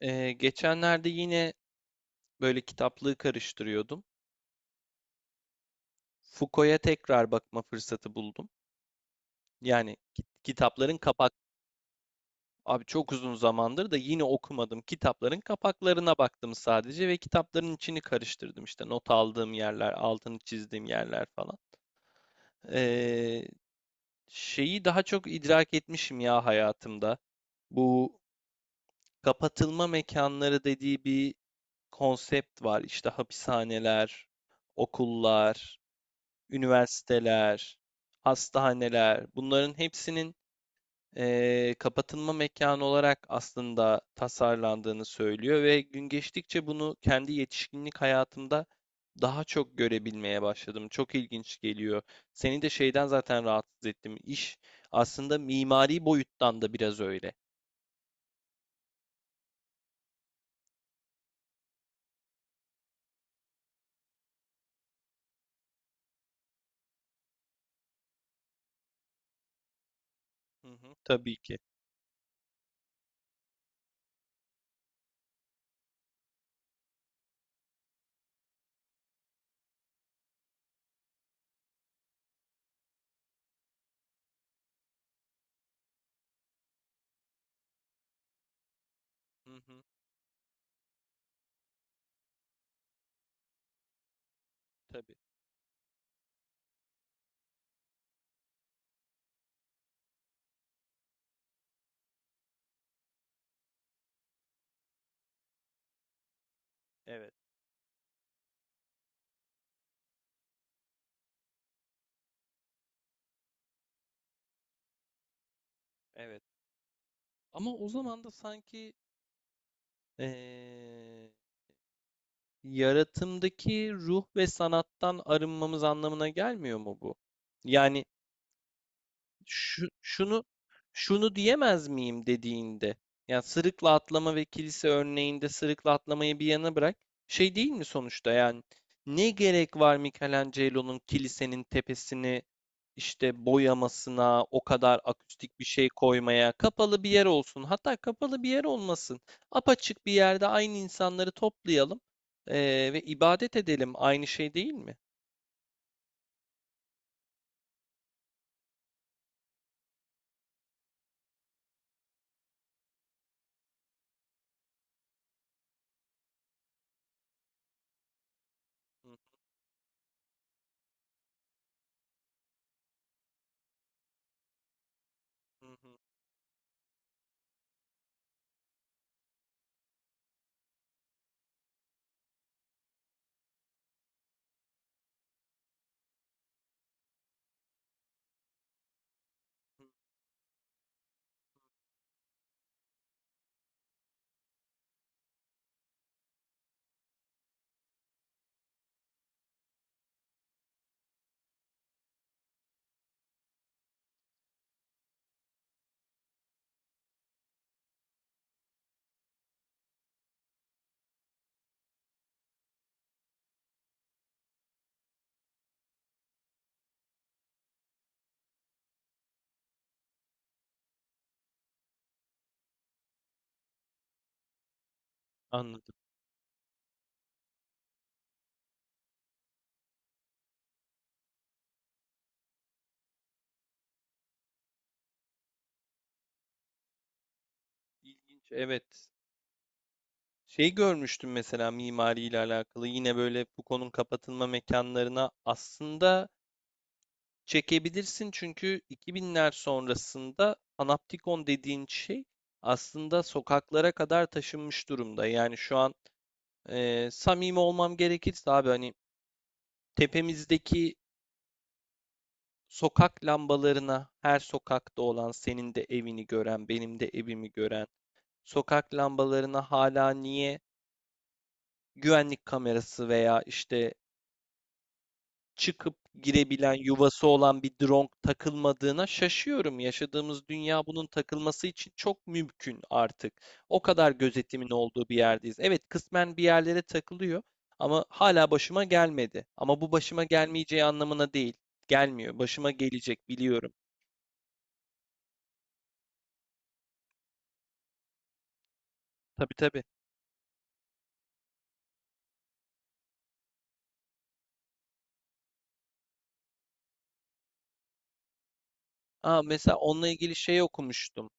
Geçenlerde yine böyle kitaplığı karıştırıyordum. Foucault'a tekrar bakma fırsatı buldum. Yani kitapların kapak abi çok uzun zamandır da yine okumadım. Kitapların kapaklarına baktım sadece ve kitapların içini karıştırdım. İşte not aldığım yerler, altını çizdiğim yerler falan. Ee, Şeyi daha çok idrak etmişim ya hayatımda. Bu kapatılma mekanları dediği bir konsept var. İşte hapishaneler, okullar, üniversiteler, hastaneler bunların hepsinin kapatılma mekanı olarak aslında tasarlandığını söylüyor ve gün geçtikçe bunu kendi yetişkinlik hayatımda daha çok görebilmeye başladım. Çok ilginç geliyor. Seni de şeyden zaten rahatsız ettim. İş aslında mimari boyuttan da biraz öyle. Hı hı, tabii ki. Hı hı, tabii. Evet, evet. Ama o zaman da sanki eee yaratımdaki ruh ve sanattan arınmamız anlamına gelmiyor mu bu? Yani şunu şunu diyemez miyim dediğinde, yani sırıkla atlama ve kilise örneğinde sırıkla atlamayı bir yana bırak, şey değil mi sonuçta? Yani ne gerek var Michelangelo'nun kilisenin tepesini işte boyamasına, o kadar akustik bir şey koymaya? Kapalı bir yer olsun, hatta kapalı bir yer olmasın, apaçık bir yerde aynı insanları toplayalım ve ibadet edelim, aynı şey değil mi? Hı hı hı. Anladım. İlginç, evet. Şey görmüştüm mesela mimariyle alakalı, yine böyle Foucault'un kapatılma mekanlarına aslında çekebilirsin çünkü 2000'ler sonrasında panoptikon dediğin şey aslında sokaklara kadar taşınmış durumda. Yani şu an samimi olmam gerekirse abi, hani tepemizdeki sokak lambalarına, her sokakta olan senin de evini gören benim de evimi gören sokak lambalarına hala niye güvenlik kamerası veya işte çıkıp girebilen, yuvası olan bir drone takılmadığına şaşıyorum. Yaşadığımız dünya bunun takılması için çok mümkün artık. O kadar gözetimin olduğu bir yerdeyiz. Evet, kısmen bir yerlere takılıyor ama hala başıma gelmedi. Ama bu başıma gelmeyeceği anlamına değil. Gelmiyor. Başıma gelecek, biliyorum. Tabii tabii. Aa, mesela onunla ilgili şey okumuştum.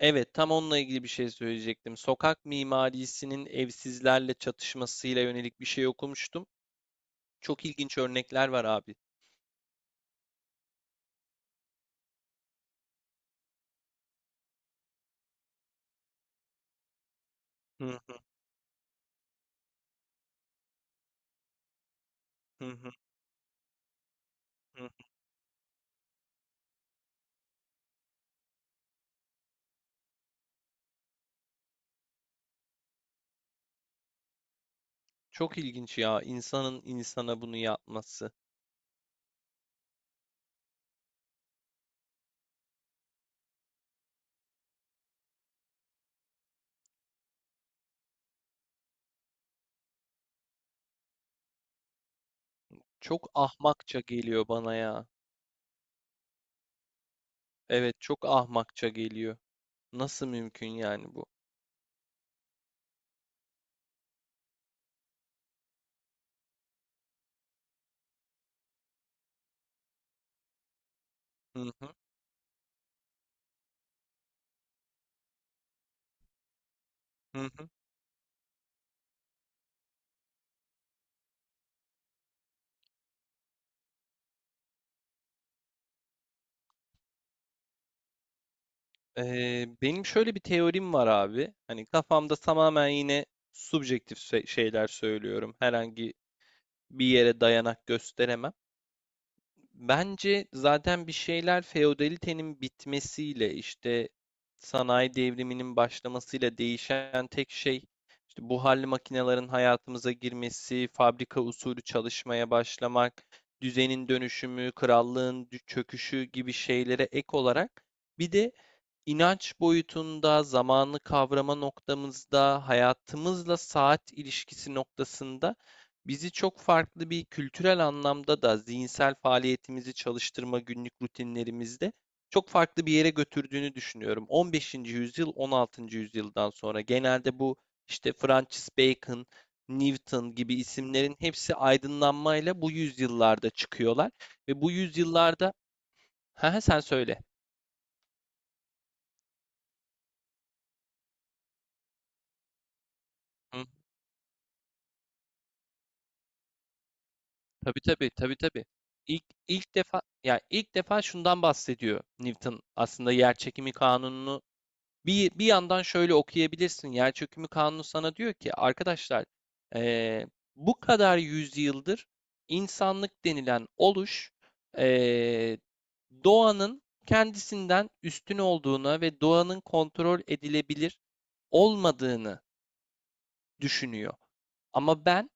Evet, tam onunla ilgili bir şey söyleyecektim. Sokak mimarisinin evsizlerle çatışmasıyla yönelik bir şey okumuştum. Çok ilginç örnekler var abi. Hı hı hı hı hı. Çok ilginç ya, insanın insana bunu yapması. Çok ahmakça geliyor bana ya. Evet, çok ahmakça geliyor. Nasıl mümkün yani bu? Hı hı hı hı. Benim şöyle bir teorim var abi. Hani kafamda, tamamen yine şeyler söylüyorum. Herhangi bir yere dayanak gösteremem. Bence zaten bir şeyler feodalitenin bitmesiyle, işte sanayi devriminin başlamasıyla değişen tek şey, işte buharlı makinelerin hayatımıza girmesi, fabrika usulü çalışmaya başlamak, düzenin dönüşümü, krallığın çöküşü gibi şeylere ek olarak bir de inanç boyutunda, zamanı kavrama noktamızda, hayatımızla saat ilişkisi noktasında bizi çok farklı bir kültürel anlamda da zihinsel faaliyetimizi çalıştırma günlük rutinlerimizde çok farklı bir yere götürdüğünü düşünüyorum. 15. yüzyıl, 16. yüzyıldan sonra genelde bu işte Francis Bacon, Newton gibi isimlerin hepsi aydınlanmayla bu yüzyıllarda çıkıyorlar ve bu yüzyıllarda, ha, sen söyle. Hı, tabii tabii tabii tabii. İlk defa, ya ilk defa şundan bahsediyor Newton, aslında yer çekimi kanununu. Bir yandan şöyle okuyabilirsin. Yerçökümü Kanunu sana diyor ki arkadaşlar, eee, bu kadar yüzyıldır insanlık denilen oluş eee, doğanın kendisinden üstün olduğuna ve doğanın kontrol edilebilir olmadığını düşünüyor. Ama ben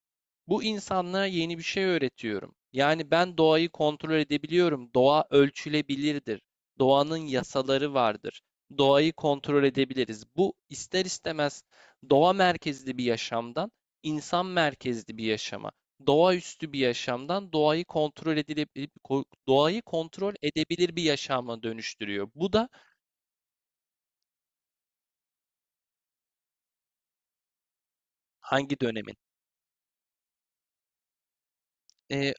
bu insanlara yeni bir şey öğretiyorum. Yani ben doğayı kontrol edebiliyorum. Doğa ölçülebilirdir. Doğanın yasaları vardır. Doğayı kontrol edebiliriz. Bu ister istemez doğa merkezli bir yaşamdan insan merkezli bir yaşama, doğaüstü bir yaşamdan doğayı kontrol edilebilir, doğayı kontrol edebilir bir yaşama dönüştürüyor. Bu da hangi dönemin? Ee,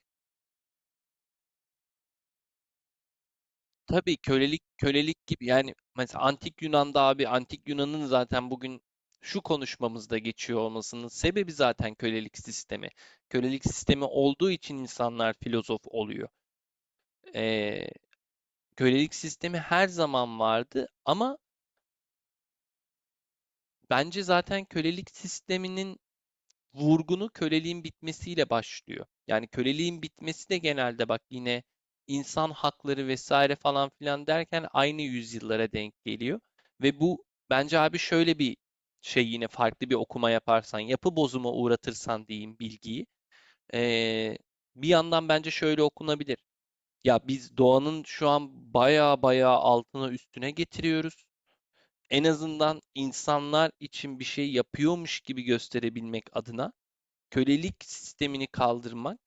Tabii, kölelik gibi yani, mesela antik Yunan'da abi, antik Yunan'ın zaten bugün şu konuşmamızda geçiyor olmasının sebebi zaten kölelik sistemi. Kölelik sistemi olduğu için insanlar filozof oluyor. Ee, Kölelik sistemi her zaman vardı ama bence zaten kölelik sisteminin vurgunu köleliğin bitmesiyle başlıyor. Yani köleliğin bitmesi de genelde, bak, yine insan hakları vesaire falan filan derken aynı yüzyıllara denk geliyor. Ve bu, bence abi, şöyle bir şey, yine farklı bir okuma yaparsan, yapı bozuma uğratırsan diyeyim bilgiyi. ee, Bir yandan bence şöyle okunabilir. Ya biz doğanın şu an baya baya altına üstüne getiriyoruz. En azından insanlar için bir şey yapıyormuş gibi gösterebilmek adına kölelik sistemini kaldırmak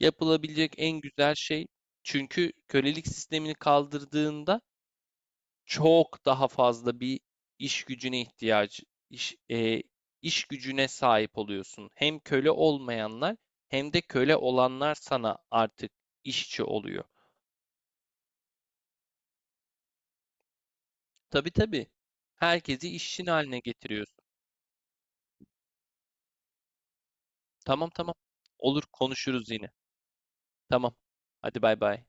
yapılabilecek en güzel şey. Çünkü kölelik sistemini kaldırdığında çok daha fazla bir iş gücüne ihtiyacı iş, e, iş gücüne sahip oluyorsun. Hem köle olmayanlar hem de köle olanlar sana artık işçi oluyor. Tabii tabii. Herkesi işçin haline getiriyorsun. Tamam tamam. Olur, konuşuruz yine. Tamam. Hadi bay bay.